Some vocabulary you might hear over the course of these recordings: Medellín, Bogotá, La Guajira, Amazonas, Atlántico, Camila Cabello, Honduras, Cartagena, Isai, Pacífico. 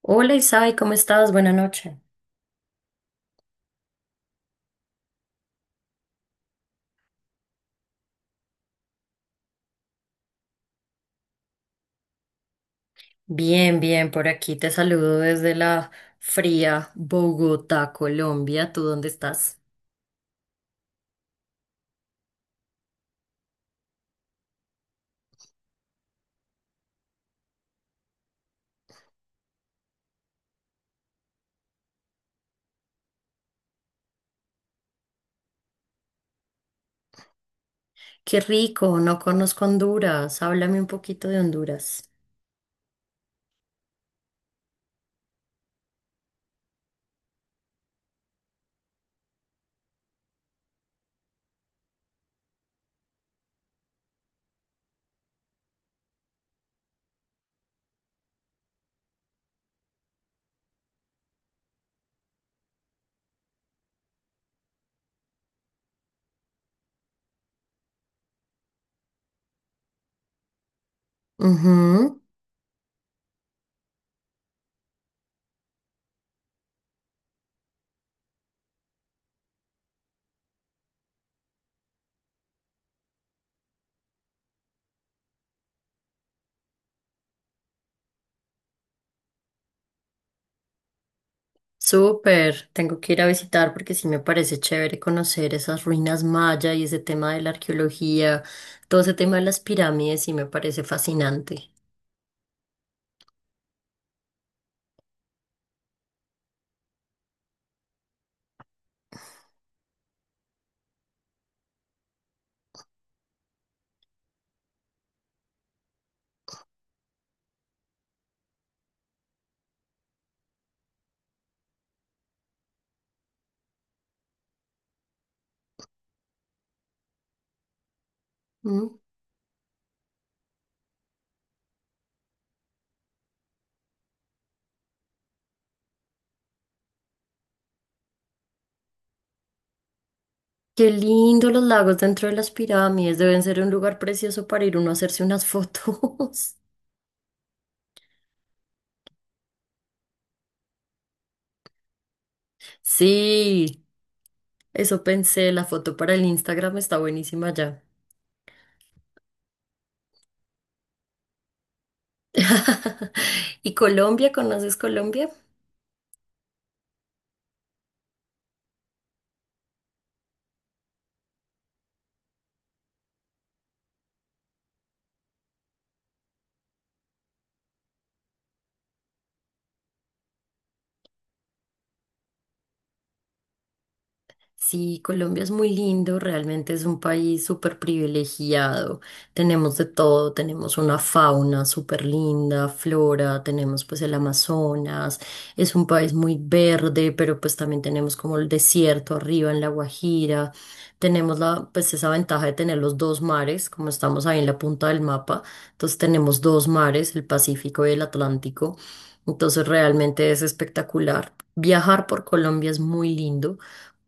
Hola Isai, ¿cómo estás? Buenas noches. Bien, bien, por aquí te saludo desde la fría Bogotá, Colombia. ¿Tú dónde estás? Qué rico, no conozco Honduras. Háblame un poquito de Honduras. Ujú, súper. Tengo que ir a visitar porque sí me parece chévere conocer esas ruinas maya y ese tema de la arqueología, todo ese tema de las pirámides, sí me parece fascinante. Qué lindo los lagos dentro de las pirámides. Deben ser un lugar precioso para ir uno a hacerse unas fotos. Sí, eso pensé. La foto para el Instagram está buenísima ya. ¿Y Colombia? ¿Conoces Colombia? Sí, Colombia es muy lindo, realmente es un país súper privilegiado. Tenemos de todo, tenemos una fauna súper linda, flora, tenemos pues el Amazonas, es un país muy verde, pero pues también tenemos como el desierto arriba en La Guajira. Tenemos la, pues esa ventaja de tener los dos mares, como estamos ahí en la punta del mapa, entonces tenemos dos mares, el Pacífico y el Atlántico. Entonces realmente es espectacular. Viajar por Colombia es muy lindo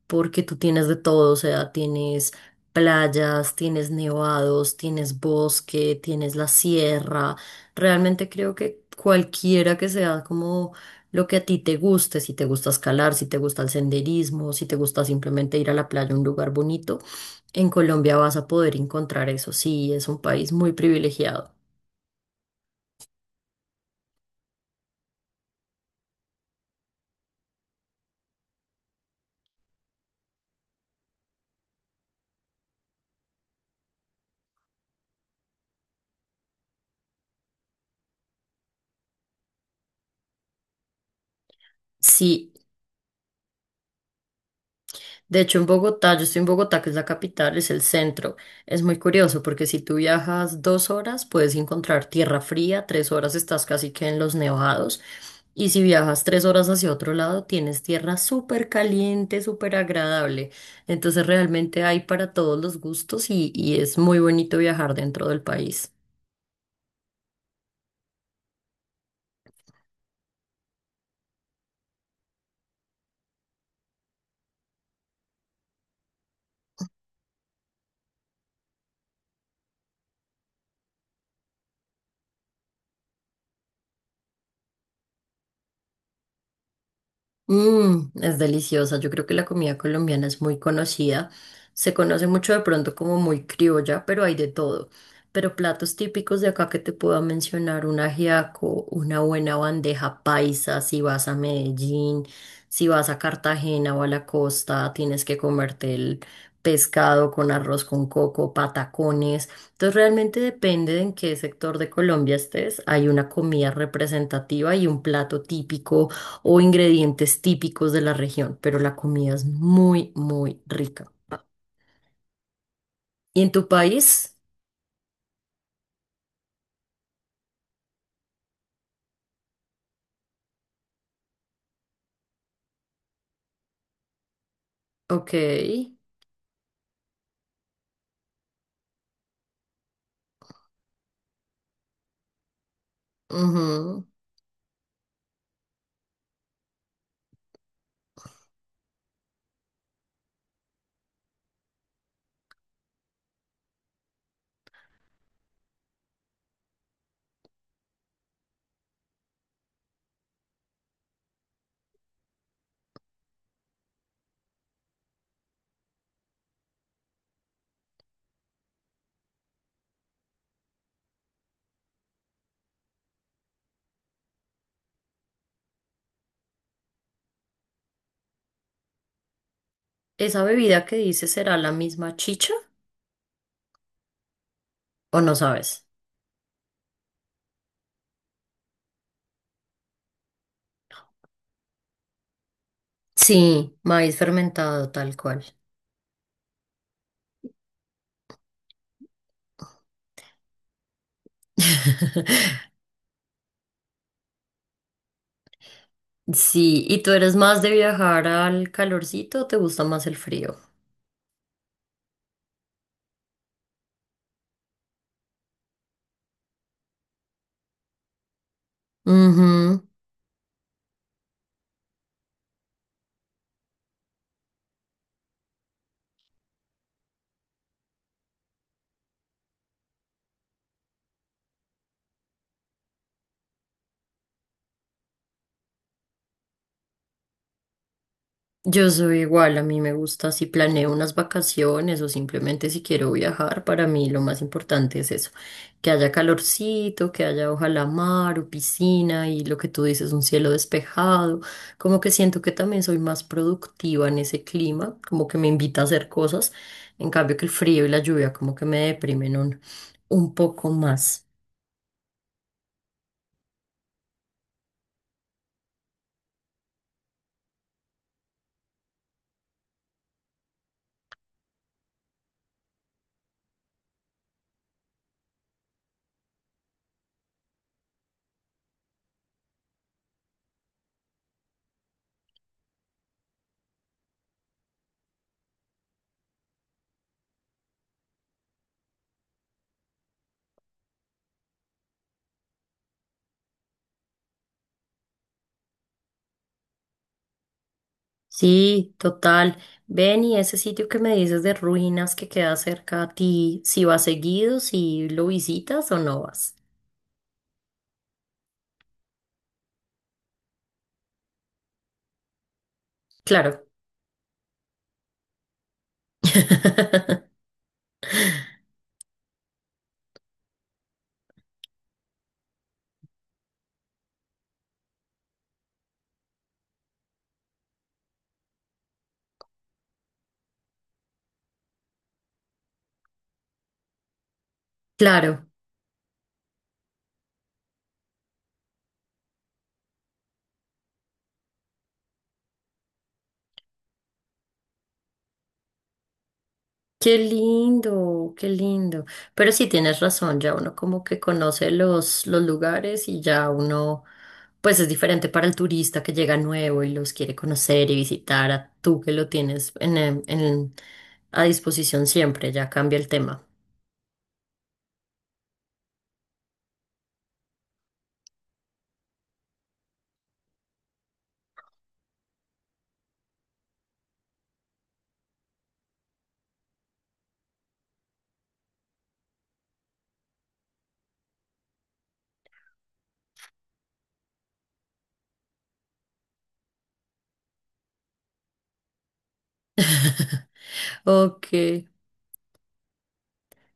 porque tú tienes de todo, o sea, tienes playas, tienes nevados, tienes bosque, tienes la sierra. Realmente creo que cualquiera que sea como lo que a ti te guste, si te gusta escalar, si te gusta el senderismo, si te gusta simplemente ir a la playa, a un lugar bonito, en Colombia vas a poder encontrar eso. Sí, es un país muy privilegiado. Sí. De hecho, en Bogotá, yo estoy en Bogotá, que es la capital, es el centro. Es muy curioso porque si tú viajas dos horas, puedes encontrar tierra fría, tres horas estás casi que en los nevados. Y si viajas tres horas hacia otro lado, tienes tierra súper caliente, súper agradable. Entonces realmente hay para todos los gustos y es muy bonito viajar dentro del país. Mm, es deliciosa. Yo creo que la comida colombiana es muy conocida. Se conoce mucho de pronto como muy criolla, pero hay de todo. Pero platos típicos de acá que te puedo mencionar, un ajiaco, una buena bandeja paisa, si vas a Medellín, si vas a Cartagena o a la costa, tienes que comerte el pescado con arroz con coco, patacones. Entonces realmente depende de en qué sector de Colombia estés. Hay una comida representativa y un plato típico o ingredientes típicos de la región, pero la comida es muy, muy rica. ¿Y en tu país? Ok. Ujú. ¿Esa bebida que dices será la misma chicha o no sabes? Sí, maíz fermentado tal cual. Sí, ¿y tú eres más de viajar al calorcito o te gusta más el frío? Ujú. Yo soy igual, a mí me gusta si planeo unas vacaciones o simplemente si quiero viajar, para mí lo más importante es eso, que haya calorcito, que haya ojalá mar o piscina y lo que tú dices, un cielo despejado, como que siento que también soy más productiva en ese clima, como que me invita a hacer cosas, en cambio que el frío y la lluvia como que me deprimen un poco más. Sí, total. Ven y ese sitio que me dices de ruinas que queda cerca a ti, si vas seguido, si lo visitas o no vas. Claro, claro. Qué lindo, qué lindo. Pero sí tienes razón, ya uno como que conoce los lugares y ya uno, pues es diferente para el turista que llega nuevo y los quiere conocer y visitar a tú que lo tienes a disposición siempre, ya cambia el tema. Ok.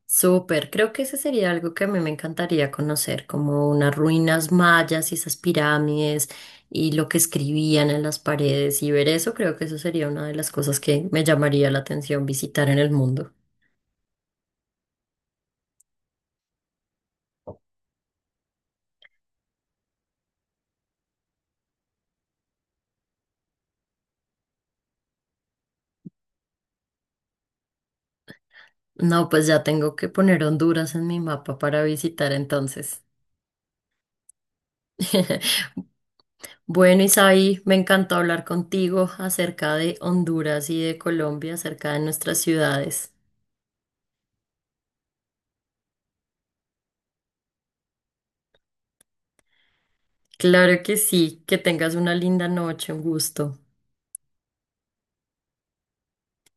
Súper, creo que ese sería algo que a mí me encantaría conocer, como unas ruinas mayas y esas pirámides y lo que escribían en las paredes y ver eso, creo que eso sería una de las cosas que me llamaría la atención visitar en el mundo. No, pues ya tengo que poner Honduras en mi mapa para visitar entonces. Bueno, Isaí, me encantó hablar contigo acerca de Honduras y de Colombia, acerca de nuestras ciudades. Claro que sí, que tengas una linda noche, un gusto.